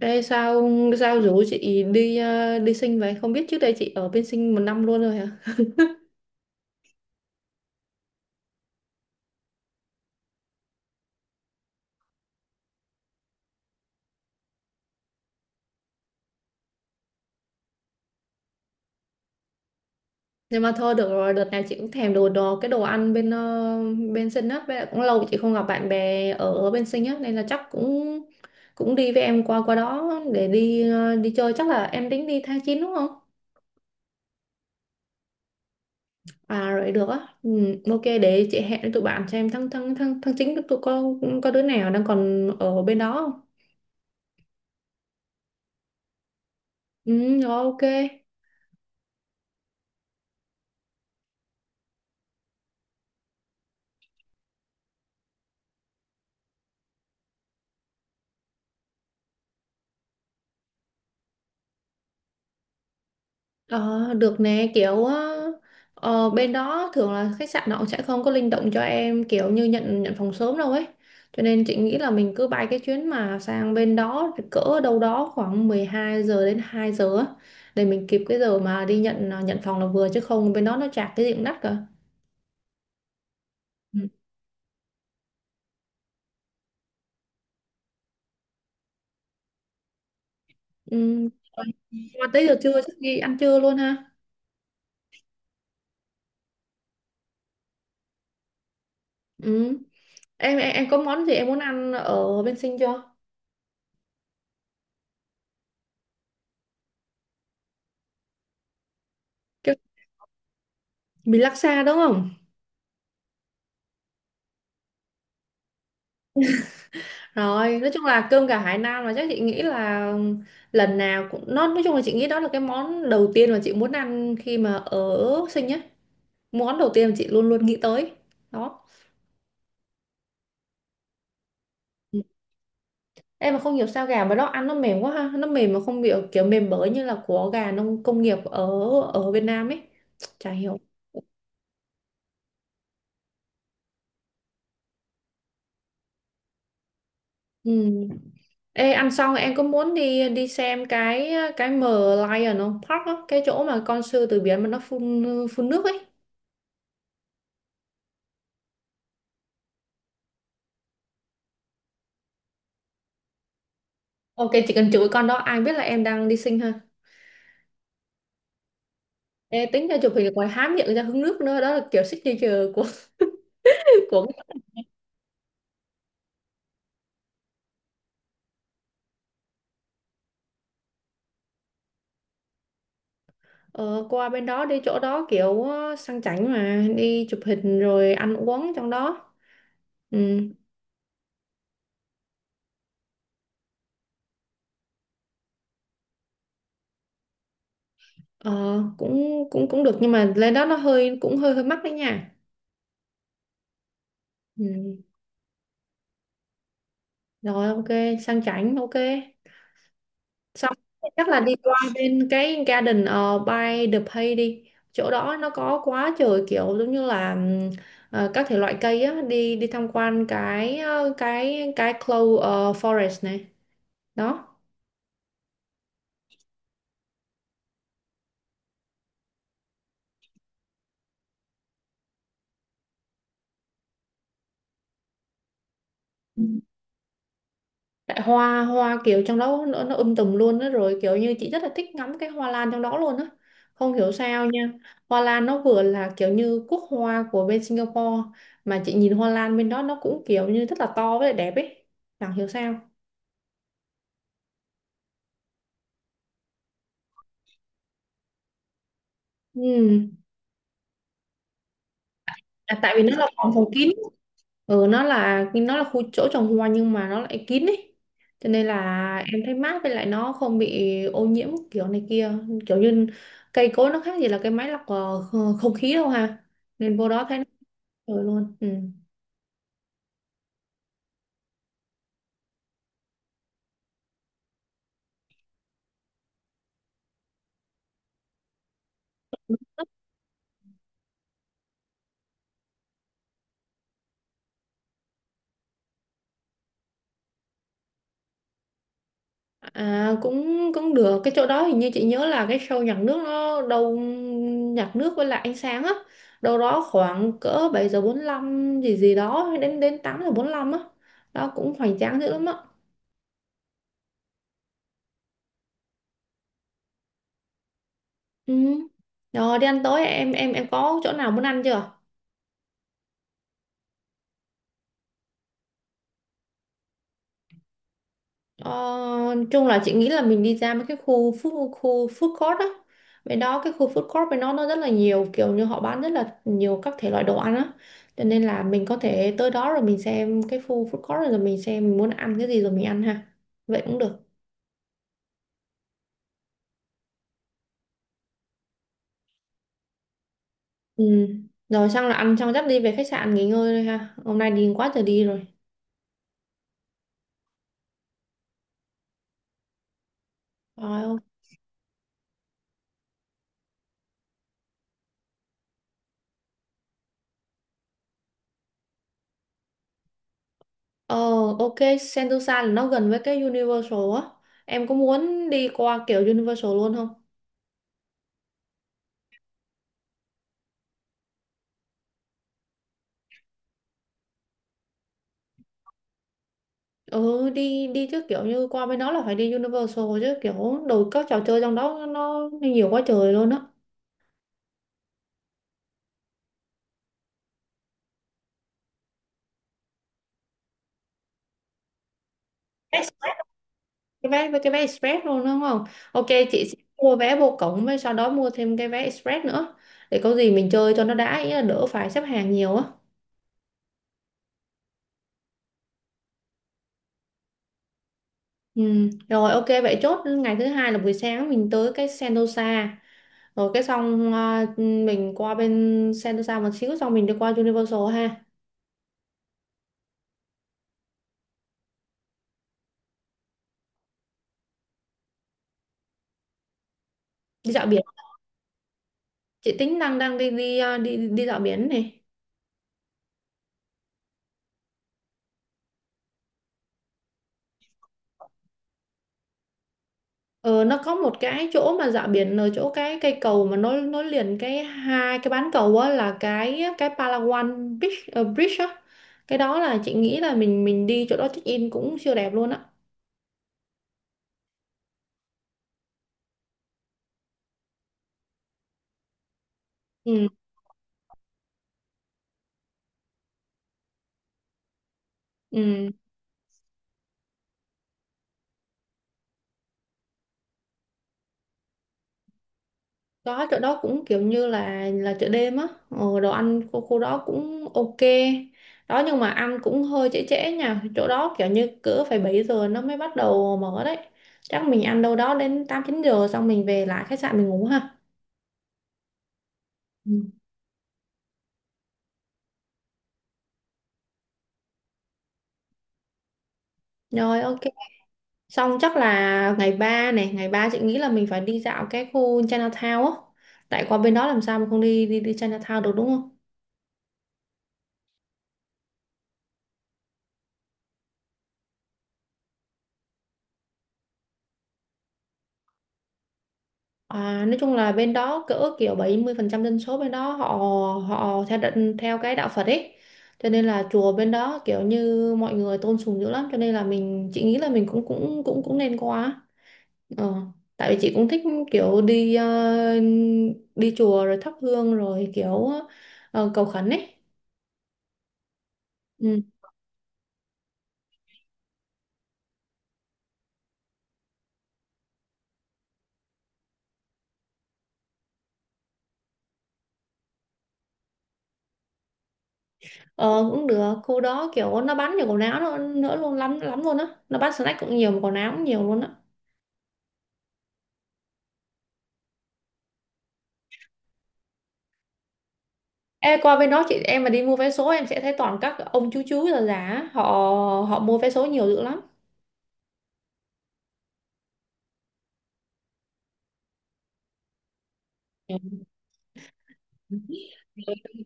Ê, sao sao rủ chị đi đi sinh vậy? Không biết trước đây chị ở bên sinh một năm luôn rồi hả? Nhưng mà thôi được rồi, đợt này chị cũng thèm đồ đồ cái đồ ăn bên bên sinh á, với lại cũng lâu chị không gặp bạn bè ở ở bên sinh á nên là chắc cũng cũng đi với em qua qua đó để đi đi chơi. Chắc là em tính đi tháng 9 đúng không? À rồi được á. Ừ, ok, để chị hẹn với tụi bạn xem tháng tháng tháng tháng 9 tụi con có đứa nào đang còn ở bên đó không? Ừ, rồi, ok. Ờ, được nè, kiểu bên đó thường là khách sạn họ sẽ không có linh động cho em kiểu như nhận nhận phòng sớm đâu ấy, cho nên chị nghĩ là mình cứ bay cái chuyến mà sang bên đó cỡ đâu đó khoảng 12 giờ đến 2 giờ á, để mình kịp cái giờ mà đi nhận phòng là vừa, chứ không bên đó nó chạc cái gì cũng đắt cả. Ừ. Ừ. Mà tới giờ trưa chắc đi ăn trưa luôn ha. Ừ. em có món gì em muốn ăn ở bên Sinh chưa? Cái mì laksa đúng không? Rồi, nói chung là cơm gà Hải Nam, là chắc chị nghĩ là lần nào cũng nó, nói chung là chị nghĩ đó là cái món đầu tiên mà chị muốn ăn khi mà ở sinh á. Món đầu tiên mà chị luôn luôn nghĩ tới. Đó. Ừ. Em mà không hiểu sao gà mà đó ăn nó mềm quá ha, nó mềm mà không bị kiểu mềm bở như là của gà nông công nghiệp ở ở Việt Nam ấy. Chả hiểu. Ừ. Ê, ăn xong em có muốn đi đi xem cái M Lion không? Park á, cái chỗ mà con sư tử biển mà nó phun phun nước ấy. Ok, chỉ cần chửi con đó ai biết là em đang đi sinh ha. Ê, tính ra chụp hình ngoài há miệng ra hứng nước nữa đó là kiểu signature của của ờ, qua bên đó, đi chỗ đó kiểu sang chảnh mà đi chụp hình rồi ăn uống trong đó. Ừ. ờ, cũng cũng cũng được nhưng mà lên đó nó hơi, cũng hơi hơi mắc đấy nha. Ừ. Rồi ok, sang chảnh ok. Xong chắc là đi qua bên cái Garden by the Bay đi. Chỗ đó nó có quá trời kiểu giống như là các thể loại cây á, đi đi tham quan cái cái clove forest này. Đó. Ừ. Tại hoa hoa kiểu trong đó nó tùm luôn á, rồi kiểu như chị rất là thích ngắm cái hoa lan trong đó luôn á. Không hiểu sao nha. Hoa lan nó vừa là kiểu như quốc hoa của bên Singapore, mà chị nhìn hoa lan bên đó nó cũng kiểu như rất là to với lại đẹp ấy. Chẳng hiểu sao. Ừ. À, tại vì nó là phòng phòng kín. Ừ, nó là khu chỗ trồng hoa nhưng mà nó lại kín ấy, cho nên là em thấy mát với lại nó không bị ô nhiễm kiểu này kia, kiểu như cây cối nó khác gì là cái máy lọc không khí đâu ha. Nên vô đó thấy nó rồi luôn. Ừ. Cũng cũng được, cái chỗ đó hình như chị nhớ là cái show nhạc nước nó đâu, nhạc nước với lại ánh sáng á, đâu đó khoảng cỡ 7:45 gì gì đó đến đến 8:45 á. Đó cũng hoành tráng dữ lắm á. Ừ. Rồi đi ăn tối, em có chỗ nào muốn ăn chưa? Ờ, chung là chị nghĩ là mình đi ra mấy cái khu food court á. Bên đó cái khu food court bên đó nó rất là nhiều, kiểu như họ bán rất là nhiều các thể loại đồ ăn á. Cho nên là mình có thể tới đó rồi mình xem cái khu food court, rồi mình xem mình muốn ăn cái gì rồi mình ăn ha. Vậy cũng được. Ừ. Rồi xong là ăn xong dắt đi về khách sạn nghỉ ngơi thôi ha. Hôm nay đi quá trời đi rồi. Rồi ok. Ờ, ok, Sentosa là nó gần với cái Universal á. Em có muốn đi qua kiểu Universal luôn không? Ừ, đi đi chứ, kiểu như qua bên đó là phải đi Universal chứ, kiểu đồ các trò chơi trong đó nó nhiều quá trời luôn á. Vé Express. Cái vé với cái vé Express luôn đúng không? Ok, chị sẽ mua vé vô cổng với sau đó mua thêm cái vé Express nữa. Để có gì mình chơi cho nó đã, ý là đỡ phải xếp hàng nhiều á. Ừ. Rồi ok, vậy chốt ngày thứ hai là buổi sáng mình tới cái Sentosa. Rồi cái xong mình qua bên Sentosa một xíu, xong mình đi qua Universal ha. Đi dạo biển. Chị tính đang đang đi đi à, đi đi dạo biển này. Ờ nó có một cái chỗ mà dạo biển ở chỗ cái cây cầu mà nối nối liền cái hai cái bán cầu á, là cái Palawan Beach Bridge á. Cái đó là chị nghĩ là mình đi chỗ đó check in cũng siêu đẹp luôn á. Ừ. Ừ. Đó, chỗ đó cũng kiểu như là chợ đêm á, đồ ăn khu, khu đó cũng ok đó, nhưng mà ăn cũng hơi trễ trễ nha, chỗ đó kiểu như cỡ phải 7 giờ nó mới bắt đầu mở đấy. Chắc mình ăn đâu đó đến 8 9 giờ, xong mình về lại khách sạn mình ngủ ha. Ừ. Rồi ok, xong chắc là ngày 3 này, ngày 3 chị nghĩ là mình phải đi dạo cái khu Chinatown á, tại qua bên đó làm sao mà không đi đi đi Chinatown được đúng không? À, nói chung là bên đó cỡ kiểu 70% dân số bên đó họ họ theo theo cái đạo Phật ấy. Cho nên là chùa bên đó kiểu như mọi người tôn sùng dữ lắm, cho nên là mình, chị nghĩ là mình cũng cũng cũng cũng nên qua. Ờ, tại vì chị cũng thích kiểu đi chùa rồi thắp hương rồi kiểu cầu khấn ấy. Ừ. Ờ, cũng được, khu đó kiểu nó bán nhiều quần áo nữa luôn, lắm lắm luôn á. Nó bán snack cũng nhiều mà quần áo cũng nhiều luôn á. Ê, qua bên đó chị em mà đi mua vé số em sẽ thấy toàn các ông chú già già á, họ họ mua vé số nhiều dữ lắm. Ừ.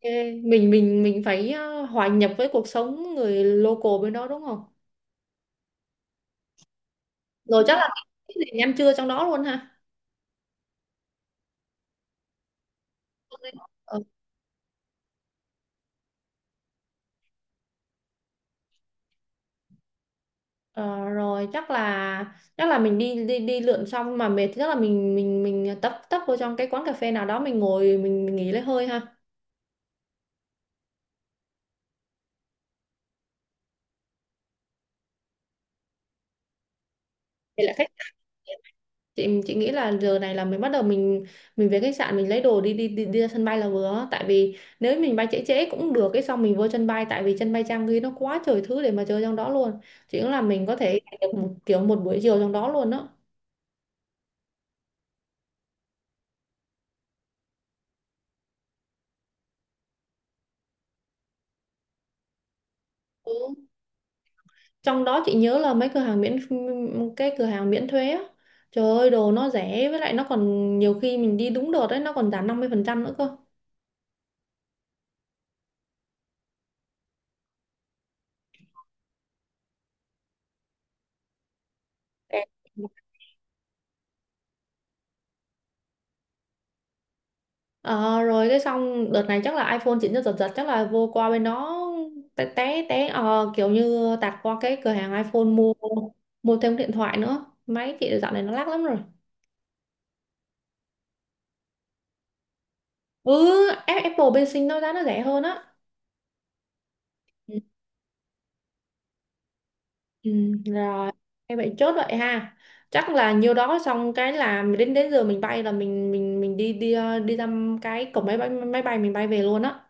Ê, mình phải hòa nhập với cuộc sống người local bên đó đúng không. Rồi chắc là cái gì ăn trưa trong đó luôn ha. Ờ, ờ, rồi chắc là mình đi đi đi lượn, xong mà mệt thì chắc là mình tấp tấp vô trong cái quán cà phê nào đó mình ngồi, mình nghỉ lấy hơi ha. Vậy là khách chị nghĩ là giờ này là mình bắt đầu, mình về khách sạn mình lấy đồ đi ra sân bay là vừa, tại vì nếu mình bay trễ trễ cũng được, cái xong mình vô sân bay tại vì sân bay trang ghi nó quá trời thứ để mà chơi trong đó luôn. Chị nghĩ là mình có thể dành được một kiểu một buổi chiều trong đó luôn đó. Ừ. Trong đó chị nhớ là mấy cửa hàng miễn cái cửa hàng miễn thuế á, trời ơi đồ nó rẻ, với lại nó còn nhiều khi mình đi đúng đợt đấy nó còn giảm 50% nữa cơ. Ờ, rồi cái xong đợt này chắc là iPhone chỉnh cho giật giật, chắc là vô qua bên đó té té té kiểu như tạt qua cái cửa hàng iPhone mua, thêm điện thoại nữa, máy chị dạo này nó lắc lắm rồi. Ừ. Apple bên sinh nó giá nó rẻ hơn á. Ừ, ừ, rồi em vậy chốt vậy ha, chắc là nhiêu đó xong cái là đến đến giờ mình bay là mình đi đi ờ, đi ra cái cổng máy bay, mình bay về luôn á.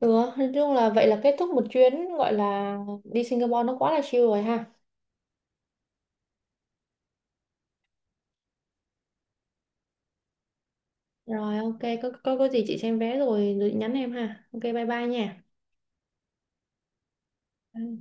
Ừ, nói chung là vậy là kết thúc một chuyến gọi là đi Singapore nó quá là chill rồi ha. Rồi ok, có gì chị xem vé, rồi nhắn em ha. Ok, bye bye nha. Ừ.